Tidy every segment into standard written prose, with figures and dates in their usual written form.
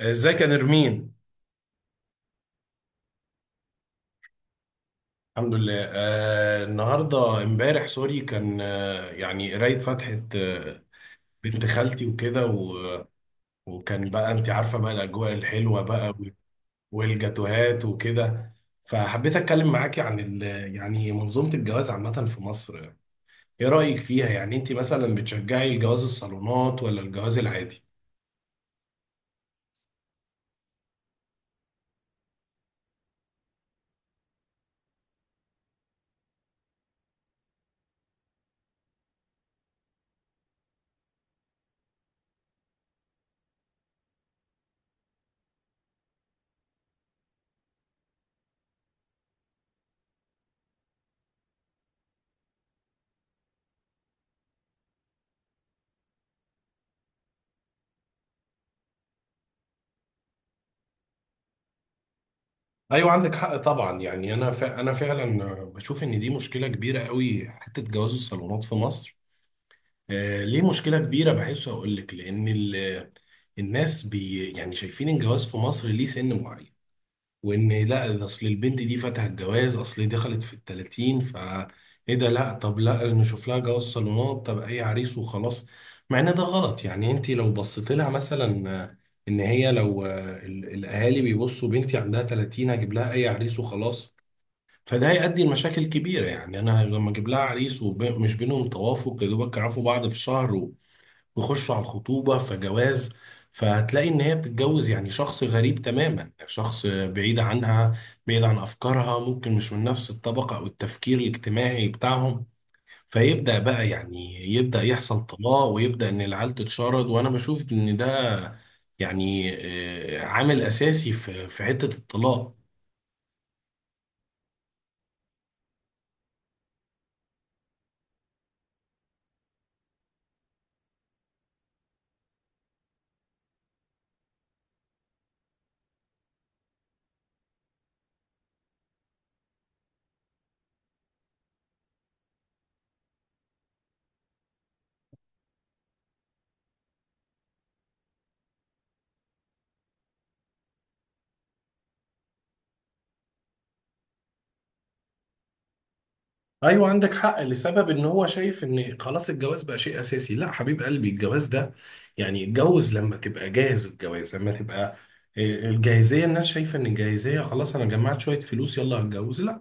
ازيك يا نرمين. الحمد لله. النهارده امبارح سوري كان يعني قرايه فاتحه، بنت خالتي وكده وكان بقى انت عارفه بقى الاجواء الحلوه بقى، والجاتوهات وكده. فحبيت اتكلم معاكي عن يعني منظومه الجواز عامه في مصر. ايه رايك فيها؟ يعني انت مثلا بتشجعي الجواز الصالونات ولا الجواز العادي؟ ايوه، عندك حق طبعا. يعني انا انا فعلا بشوف ان دي مشكله كبيره قوي، حته جواز الصالونات في مصر. ليه مشكلة كبيرة؟ بحسه أقول لك، لأن الناس بي يعني شايفين الجواز في مصر ليه سن معين. وإن لا ده أصل البنت دي فاتها الجواز، أصل دخلت في التلاتين، فا إيه ده؟ لا، طب لا نشوف لها جواز صالونات، طب أي عريس وخلاص. مع إن ده غلط. يعني أنت لو بصيت لها مثلا، إن هي لو، الأهالي بيبصوا بنتي عندها تلاتين، هجيب لها أي عريس وخلاص. فده هيؤدي لمشاكل كبيرة. يعني أنا لما أجيب لها عريس ومش بينهم توافق، يا دوبك يعرفوا بعض في شهر ويخشوا على الخطوبة فجواز، فهتلاقي ان هي بتتجوز يعني شخص غريب تماما، شخص بعيد عنها، بعيد عن افكارها، ممكن مش من نفس الطبقة او التفكير الاجتماعي بتاعهم. فيبدأ بقى يعني يبدأ يحصل طلاق، ويبدأ ان العيال تتشرد، وانا بشوف ان ده يعني، عامل اساسي في حتة الطلاق. ايوه عندك حق لسبب ان هو شايف ان خلاص الجواز بقى شيء اساسي. لا حبيب قلبي، الجواز ده يعني اتجوز لما تبقى جاهز، الجواز لما تبقى، آه، الجاهزيه. الناس شايفه ان الجاهزيه خلاص انا جمعت شويه فلوس يلا هتجوز، لا.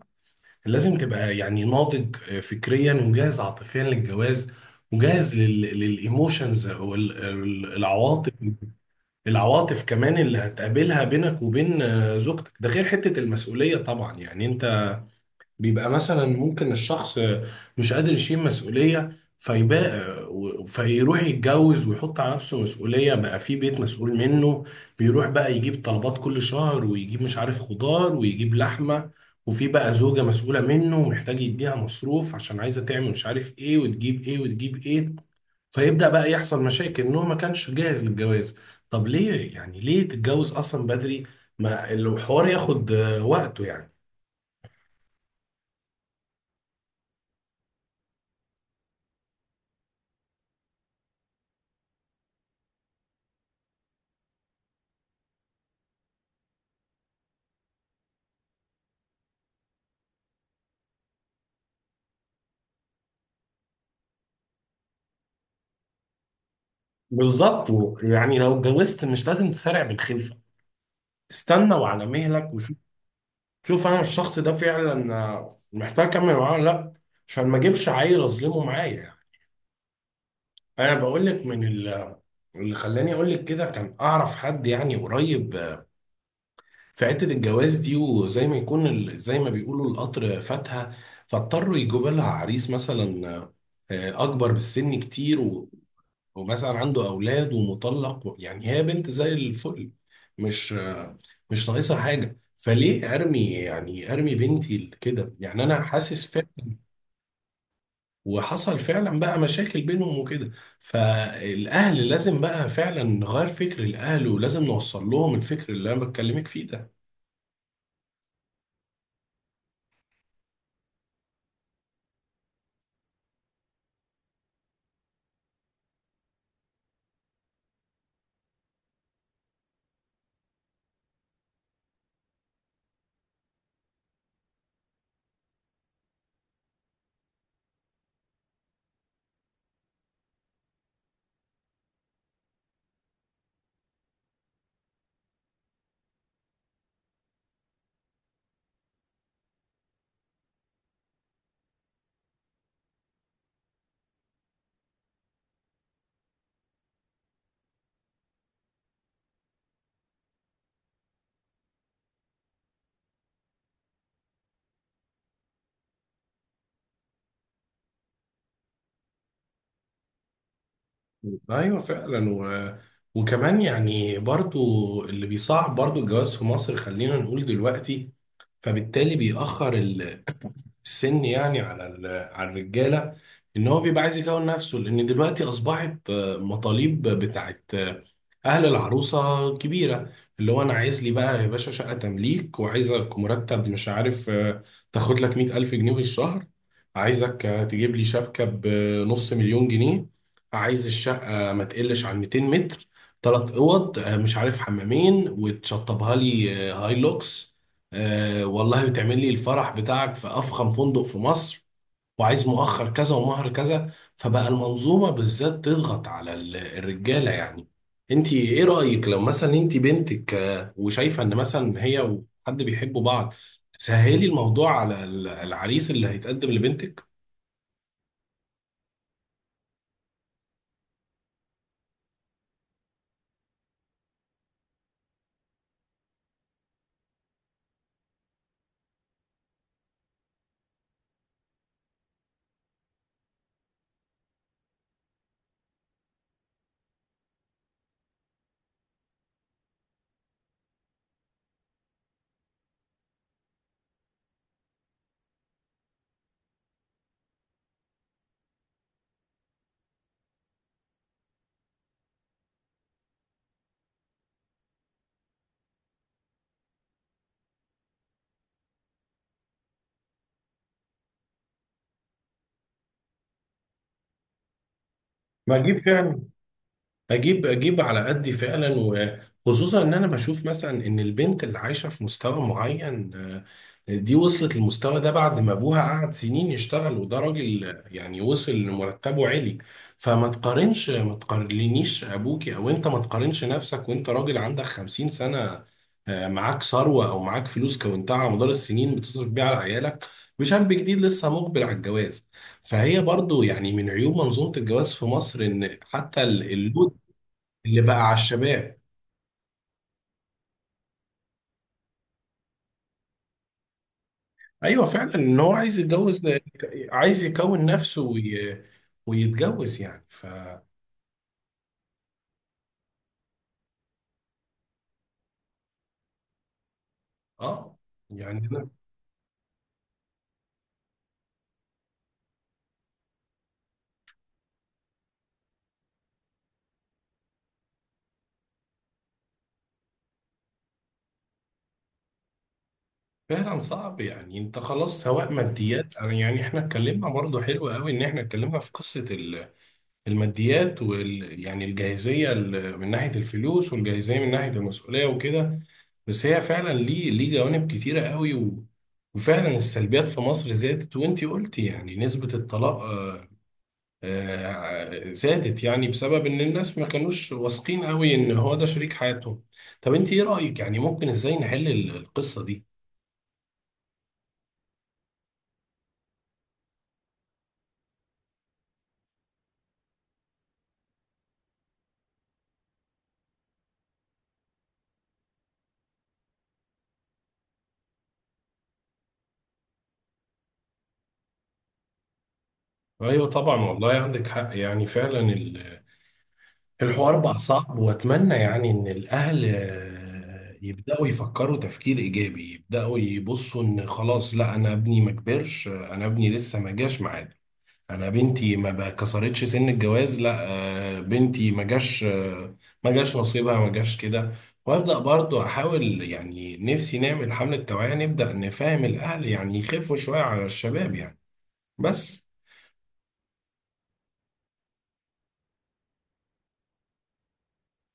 لازم تبقى يعني ناضج فكريا، ومجهز عاطفيا للجواز، وجاهز للايموشنز او العواطف. العواطف كمان اللي هتقابلها بينك وبين، زوجتك. ده غير حته المسؤوليه طبعا. يعني انت بيبقى مثلا ممكن الشخص مش قادر يشيل مسؤولية، فيبقى فيروح يتجوز ويحط على نفسه مسؤولية بقى في بيت مسؤول منه. بيروح بقى يجيب طلبات كل شهر، ويجيب مش عارف خضار، ويجيب لحمة، وفي بقى زوجة مسؤولة منه، محتاج يديها مصروف عشان عايزة تعمل مش عارف ايه، وتجيب ايه وتجيب ايه. فيبدأ بقى يحصل مشاكل ان هو ما كانش جاهز للجواز. طب ليه؟ يعني ليه تتجوز اصلا بدري؟ ما الحوار ياخد وقته يعني. بالظبط، يعني لو اتجوزت مش لازم تسارع بالخلفه، استنى وعلى مهلك وشوف. شوف انا الشخص ده فعلا محتاج اكمل معاه ولا لا، عشان ما اجيبش عيل اظلمه معايا يعني. انا بقول لك من اللي خلاني اقول لك كده، كان اعرف حد يعني قريب في حته الجواز دي، وزي ما يكون زي ما بيقولوا القطر فاتها، فاضطروا يجيبوا لها عريس مثلا اكبر بالسن كتير، ومثلا عنده أولاد ومطلق يعني هي بنت زي الفل، مش مش ناقصها حاجة. فليه أرمي؟ يعني أرمي بنتي كده؟ يعني أنا حاسس فعلا. وحصل فعلا بقى مشاكل بينهم وكده. فالأهل لازم بقى فعلا نغير فكر الأهل، ولازم نوصل لهم الفكر اللي أنا بتكلمك فيه ده. أيوه فعلا. وكمان يعني برضو اللي بيصعب برضو الجواز في مصر خلينا نقول دلوقتي، فبالتالي بيأخر السن يعني على على الرجاله. ان هو بيبقى عايز يكون نفسه، لان دلوقتي اصبحت مطالب بتاعت اهل العروسه كبيره. اللي هو انا عايز لي بقى يا باشا شقه تمليك، وعايزك مرتب مش عارف تاخد لك 100,000 جنيه في الشهر، عايزك تجيب لي شبكه بنص مليون جنيه، عايز الشقه ما تقلش عن 200 متر، ثلاث اوض مش عارف حمامين، وتشطبها لي هايلوكس، آه والله بتعمل لي الفرح بتاعك في أفخم فندق في مصر، وعايز مؤخر كذا ومهر كذا. فبقى المنظومة بالذات تضغط على الرجالة يعني. انت ايه رأيك لو مثلا انت بنتك، وشايفة ان مثلا هي وحد بيحبوا بعض، تسهلي الموضوع على العريس اللي هيتقدم لبنتك؟ ما دي فعلا. اجيب اجيب على قدي فعلا. وخصوصا ان انا بشوف مثلا ان البنت اللي عايشه في مستوى معين، دي وصلت للمستوى ده بعد ما ابوها قعد سنين يشتغل، وده راجل يعني وصل لمرتبه عالي. فما تقارنش، ما تقارنيش ابوكي، او انت ما تقارنش نفسك وانت راجل عندك 50 سنه، معاك ثروه او معاك فلوس كونتها على مدار السنين بتصرف بيها على عيالك، وشاب جديد لسه مقبل على الجواز. فهي برضو يعني من عيوب منظومة الجواز في مصر ان حتى اللود اللي بقى على الشباب. ايوه فعلا، ان هو عايز يتجوز، عايز يكون نفسه ويتجوز يعني اه. يعني انا فعلا صعب. يعني انت خلاص سواء ماديات. أنا يعني احنا اتكلمنا برضه حلو قوي، ان احنا اتكلمنا في قصه الماديات وال يعني الجاهزيه من ناحيه الفلوس، والجاهزيه من ناحيه المسؤوليه وكده. بس هي فعلا ليه، ليه جوانب كتيره قوي. وفعلا السلبيات في مصر زادت. وانتي قلتي يعني نسبه الطلاق زادت يعني بسبب ان الناس ما كانوش واثقين قوي ان هو ده شريك حياتهم. طب انت ايه رأيك يعني ممكن ازاي نحل القصة دي؟ ايوه طبعا، والله عندك حق. يعني فعلا الحوار بقى صعب. واتمنى يعني ان الاهل، يبدأوا يفكروا تفكير ايجابي، يبدأوا يبصوا ان خلاص لا انا ابني ما كبرش، انا ابني لسه ما جاش معانا، انا بنتي ما بقى- كسرتش سن الجواز لا، بنتي ما جاش ما جاش نصيبها، ما جاش كده. وابدا برضو احاول يعني نفسي نعمل حمله توعيه، نبدا نفهم الاهل يعني يخفوا شويه على الشباب يعني. بس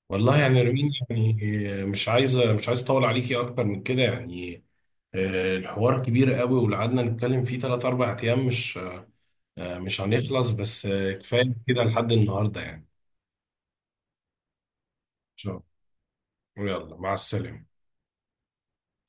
والله يعني رمين يعني، مش عايزه مش عايز اطول عليكي اكتر من كده يعني. الحوار كبير قوي، ولو قعدنا نتكلم فيه 3 4 ايام مش، مش هنخلص. بس كفايه كده لحد النهارده يعني. إن شاء الله. يلا مع السلامه.